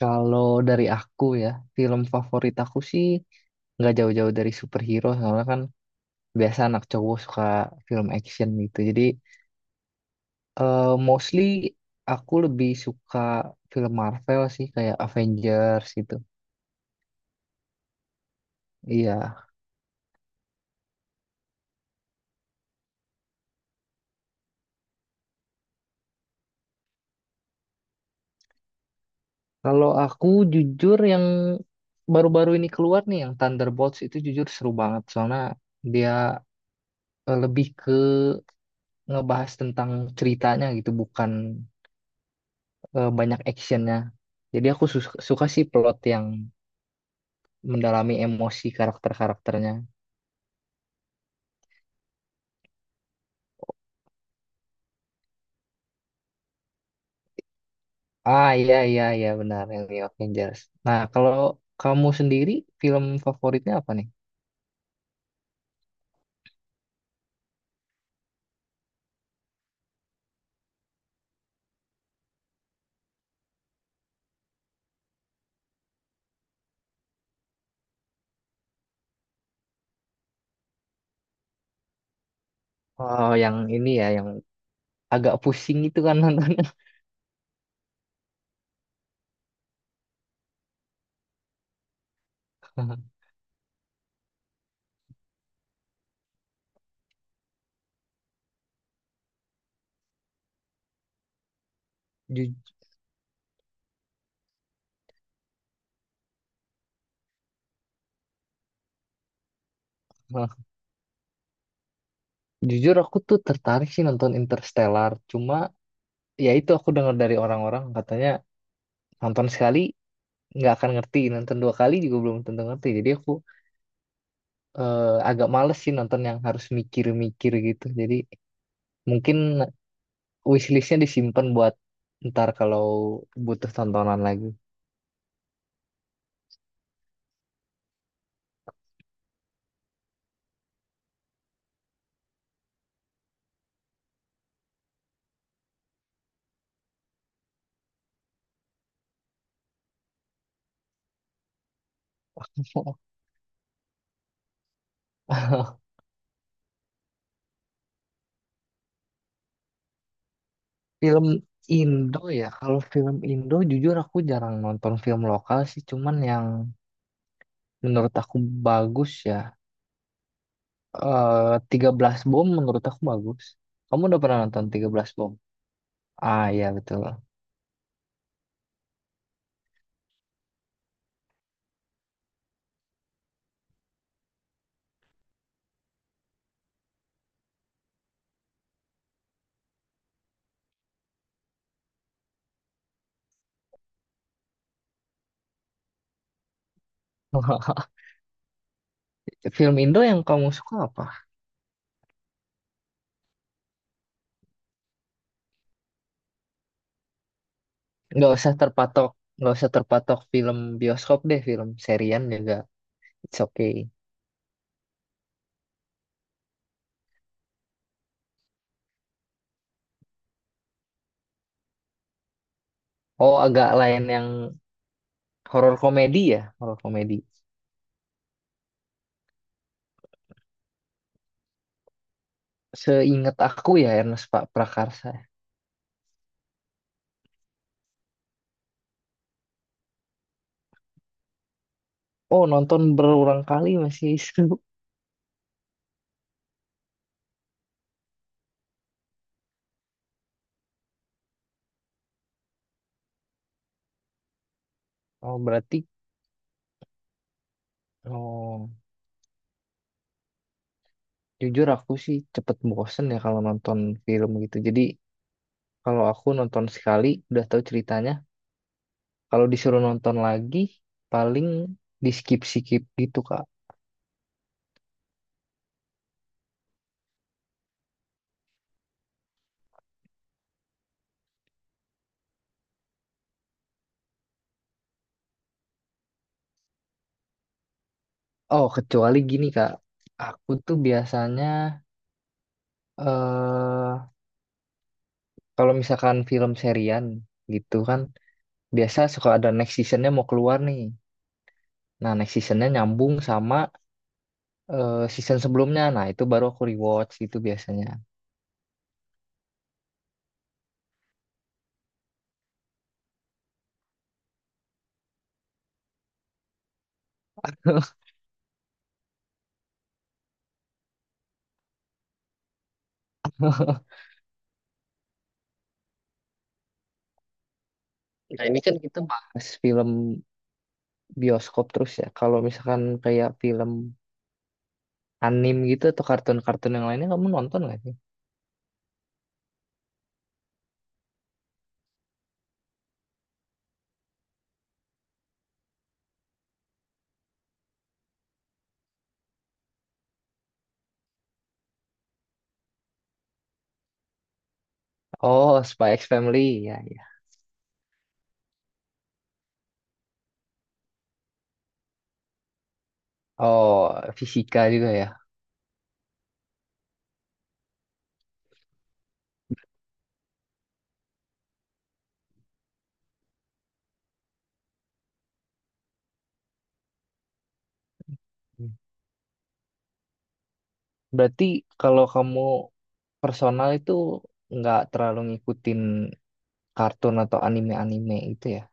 Kalau dari aku ya, film favorit aku sih nggak jauh-jauh dari superhero, soalnya kan biasa anak cowok suka film action gitu. Jadi mostly aku lebih suka film Marvel sih, kayak Avengers gitu. Iya. Kalau aku jujur yang baru-baru ini keluar nih, yang Thunderbolts itu jujur seru banget, soalnya dia lebih ke ngebahas tentang ceritanya gitu, bukan banyak actionnya. Jadi aku suka sih plot yang mendalami emosi karakter-karakternya. Ah, iya iya iya, benar yang di Avengers. Nah, kalau kamu sendiri film favoritnya apa nih? Oh, yang ini ya, yang agak pusing itu kan nontonnya. Ju- Nah, jujur aku tuh tertarik sih nonton Interstellar. Cuma ya itu aku dengar dari orang-orang katanya nonton sekali nggak akan ngerti, nonton dua kali juga belum tentu ngerti. Jadi aku agak males sih nonton yang harus mikir-mikir gitu. Jadi mungkin wishlistnya disimpan buat ntar kalau butuh tontonan lagi. Film Indo ya, kalau film Indo jujur aku jarang nonton film lokal sih, cuman yang menurut aku bagus ya. Eh, tiga belas Bom menurut aku bagus. Kamu udah pernah nonton tiga belas Bom? Ah, iya betul. Film Indo yang kamu suka apa? Nggak usah terpatok, nggak usah terpatok film bioskop deh, film serian juga. It's okay. Oh, agak lain yang horor komedi ya, horor komedi. Seingat aku ya Ernest Pak Prakarsa. Oh, nonton berulang kali masih seru. Oh, berarti oh, jujur aku sih cepet bosen ya kalau nonton film gitu. Jadi kalau aku nonton sekali udah tahu ceritanya, kalau disuruh nonton lagi paling di skip-skip gitu, Kak. Oh, kecuali gini, Kak. Aku tuh biasanya eh kalau misalkan film serian gitu kan biasa suka ada next seasonnya mau keluar nih. Nah, next seasonnya nyambung sama season sebelumnya. Nah, itu baru aku rewatch gitu biasanya. Nah, ini kan kita bahas film bioskop terus ya. Kalau misalkan kayak film anim gitu atau kartun-kartun yang lainnya kamu nonton nggak sih? Oh, Spy X Family ya ya. Oh, Fisika juga ya. Berarti kalau kamu personal itu nggak terlalu ngikutin kartun atau anime-anime itu ya?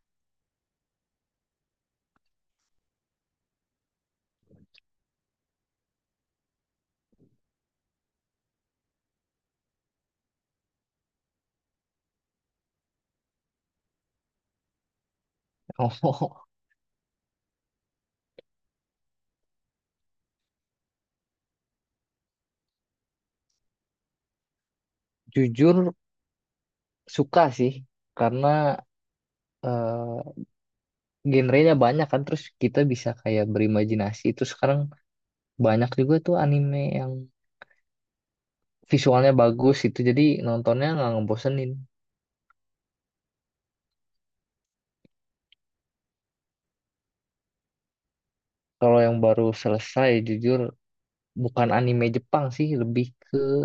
Oh, jujur suka sih karena eh, genrenya banyak kan terus kita bisa kayak berimajinasi itu sekarang banyak juga tuh anime yang visualnya bagus itu jadi nontonnya nggak ngebosenin. Kalau yang baru selesai jujur bukan anime Jepang sih, lebih ke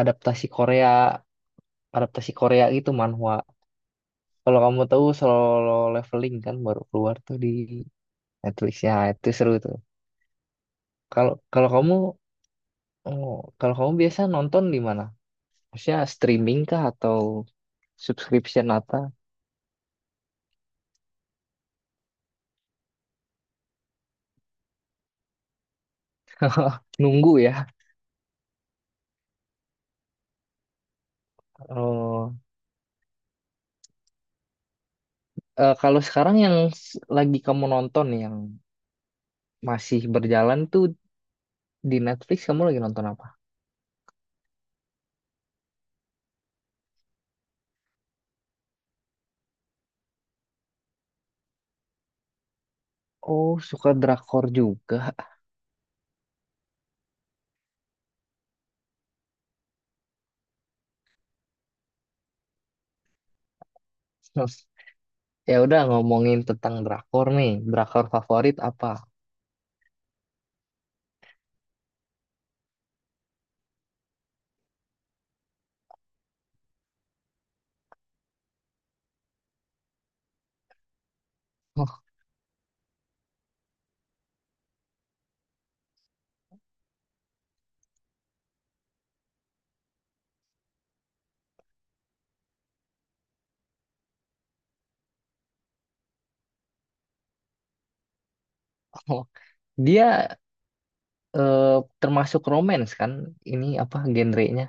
adaptasi Korea, adaptasi Korea gitu, manhwa. Kalau kamu tahu Solo Leveling kan baru keluar tuh di Netflix ya, itu seru tuh. Kalau kalau kamu oh, kalau kamu biasa nonton di mana, maksudnya streaming kah atau subscription apa? Nunggu ya. Oh, eh, kalau sekarang yang lagi kamu nonton yang masih berjalan tuh di Netflix kamu lagi nonton apa? Oh, suka drakor juga. Ya udah, ngomongin tentang drakor nih. Drakor favorit apa? Dia termasuk romance kan? Ini apa genrenya?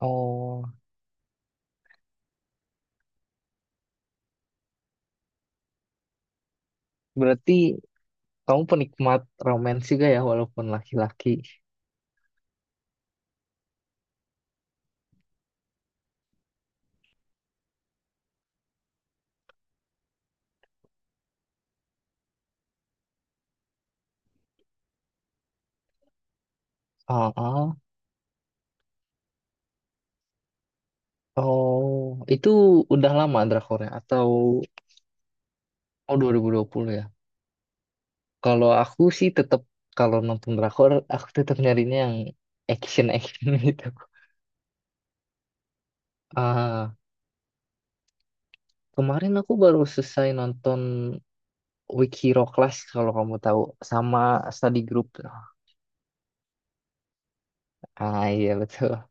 Oh, berarti kamu penikmat romance juga ya walaupun laki-laki. Oh, oh, itu udah lama drakornya atau Oh, 2020 ya. Kalau aku sih tetap kalau nonton drakor aku tetap nyarinya yang action action gitu. Ah, kemarin aku baru selesai nonton Weak Hero Class kalau kamu tahu, sama study group. Ah iya betul.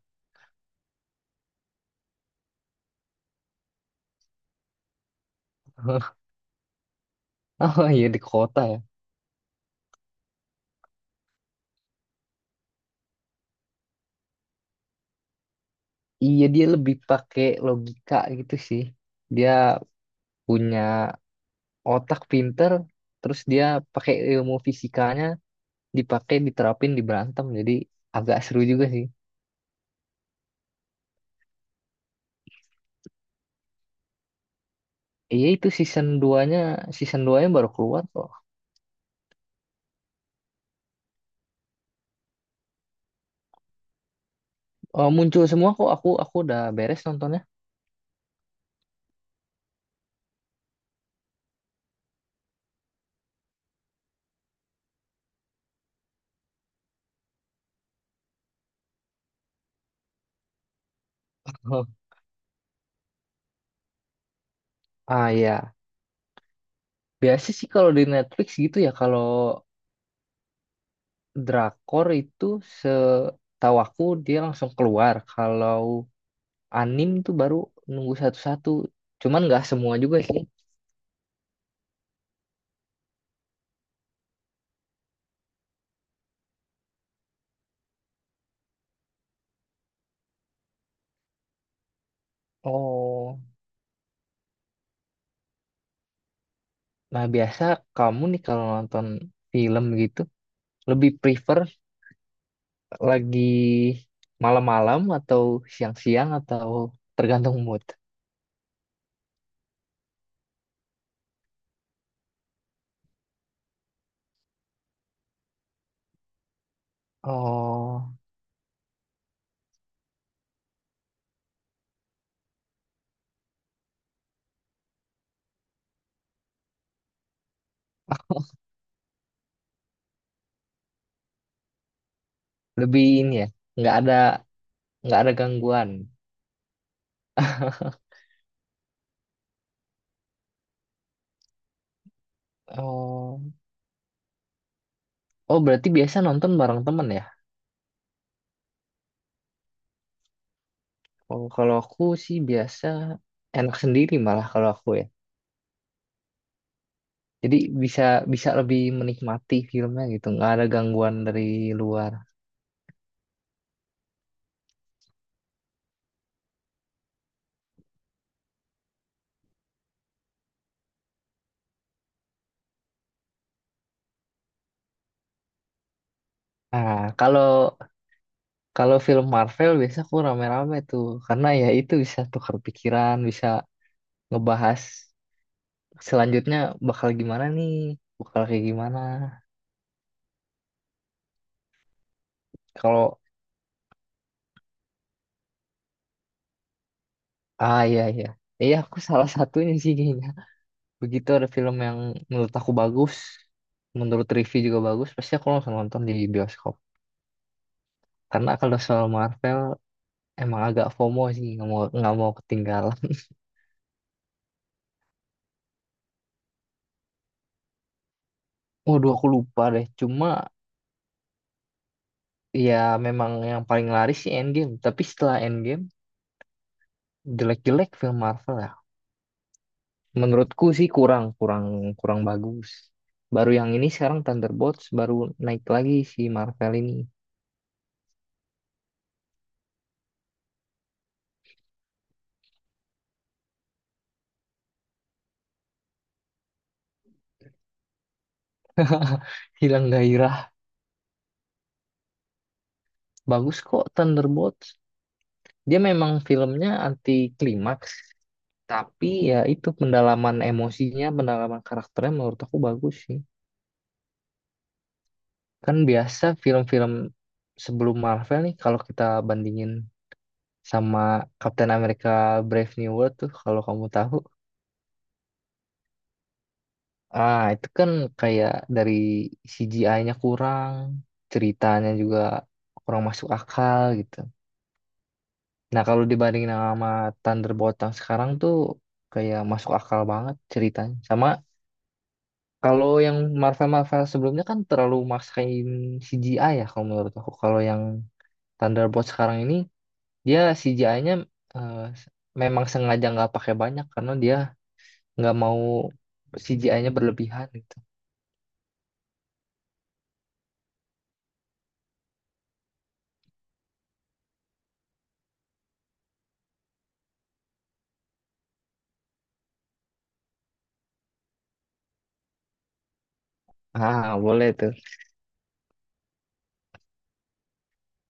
Oh iya, di kota ya. Iya, dia lebih pakai logika gitu sih. Dia punya otak pinter, terus dia pakai ilmu fisikanya, dipakai diterapin di berantem. Jadi agak seru juga. Iya itu season duanya, season 2-nya baru keluar kok. Eh, muncul semua kok, aku udah beres nontonnya. Ah ya, biasa sih kalau di Netflix gitu ya, kalau drakor itu setahu aku dia langsung keluar. Kalau anim tuh baru nunggu satu-satu. Cuman nggak semua juga sih. Oh, nah biasa kamu nih kalau nonton film gitu lebih prefer lagi malam-malam atau siang-siang atau tergantung mood. Oh, lebih ini ya. Nggak ada nggak ada gangguan. Oh, oh berarti biasa nonton bareng temen ya? Oh, kalau aku sih biasa enak sendiri malah kalau aku ya. Jadi bisa bisa lebih menikmati filmnya gitu, nggak ada gangguan dari luar. Nah, kalau kalau film Marvel biasa aku rame-rame tuh, karena ya itu bisa tukar pikiran, bisa ngebahas selanjutnya bakal gimana nih, bakal kayak gimana. Kalau ah iya iya. Iya aku salah satunya sih kayaknya. Begitu ada film yang menurut aku bagus, menurut review juga bagus, pasti aku langsung nonton di bioskop. Karena kalau soal Marvel emang agak FOMO sih, nggak mau ketinggalan. Waduh, aku lupa deh. Cuma ya memang yang paling laris sih Endgame. Tapi setelah Endgame jelek-jelek film Marvel ya. Menurutku sih kurang kurang kurang bagus. Baru yang ini sekarang Thunderbolts baru naik lagi si Marvel ini. Hilang gairah. Bagus kok Thunderbolts. Dia memang filmnya anti klimaks, tapi ya itu pendalaman emosinya, pendalaman karakternya menurut aku bagus sih. Kan biasa film-film sebelum Marvel nih kalau kita bandingin sama Captain America Brave New World tuh, kalau kamu tahu. Ah, itu kan kayak dari CGI-nya kurang, ceritanya juga kurang masuk akal gitu. Nah, kalau dibandingin sama Thunderbolt yang sekarang tuh kayak masuk akal banget ceritanya. Sama kalau yang Marvel-Marvel sebelumnya kan terlalu maksain CGI ya kalau menurut aku. Kalau yang Thunderbolt sekarang ini dia CGI-nya memang sengaja nggak pakai banyak karena dia nggak mau CGI-nya berlebihan gitu. Ah, boleh tuh.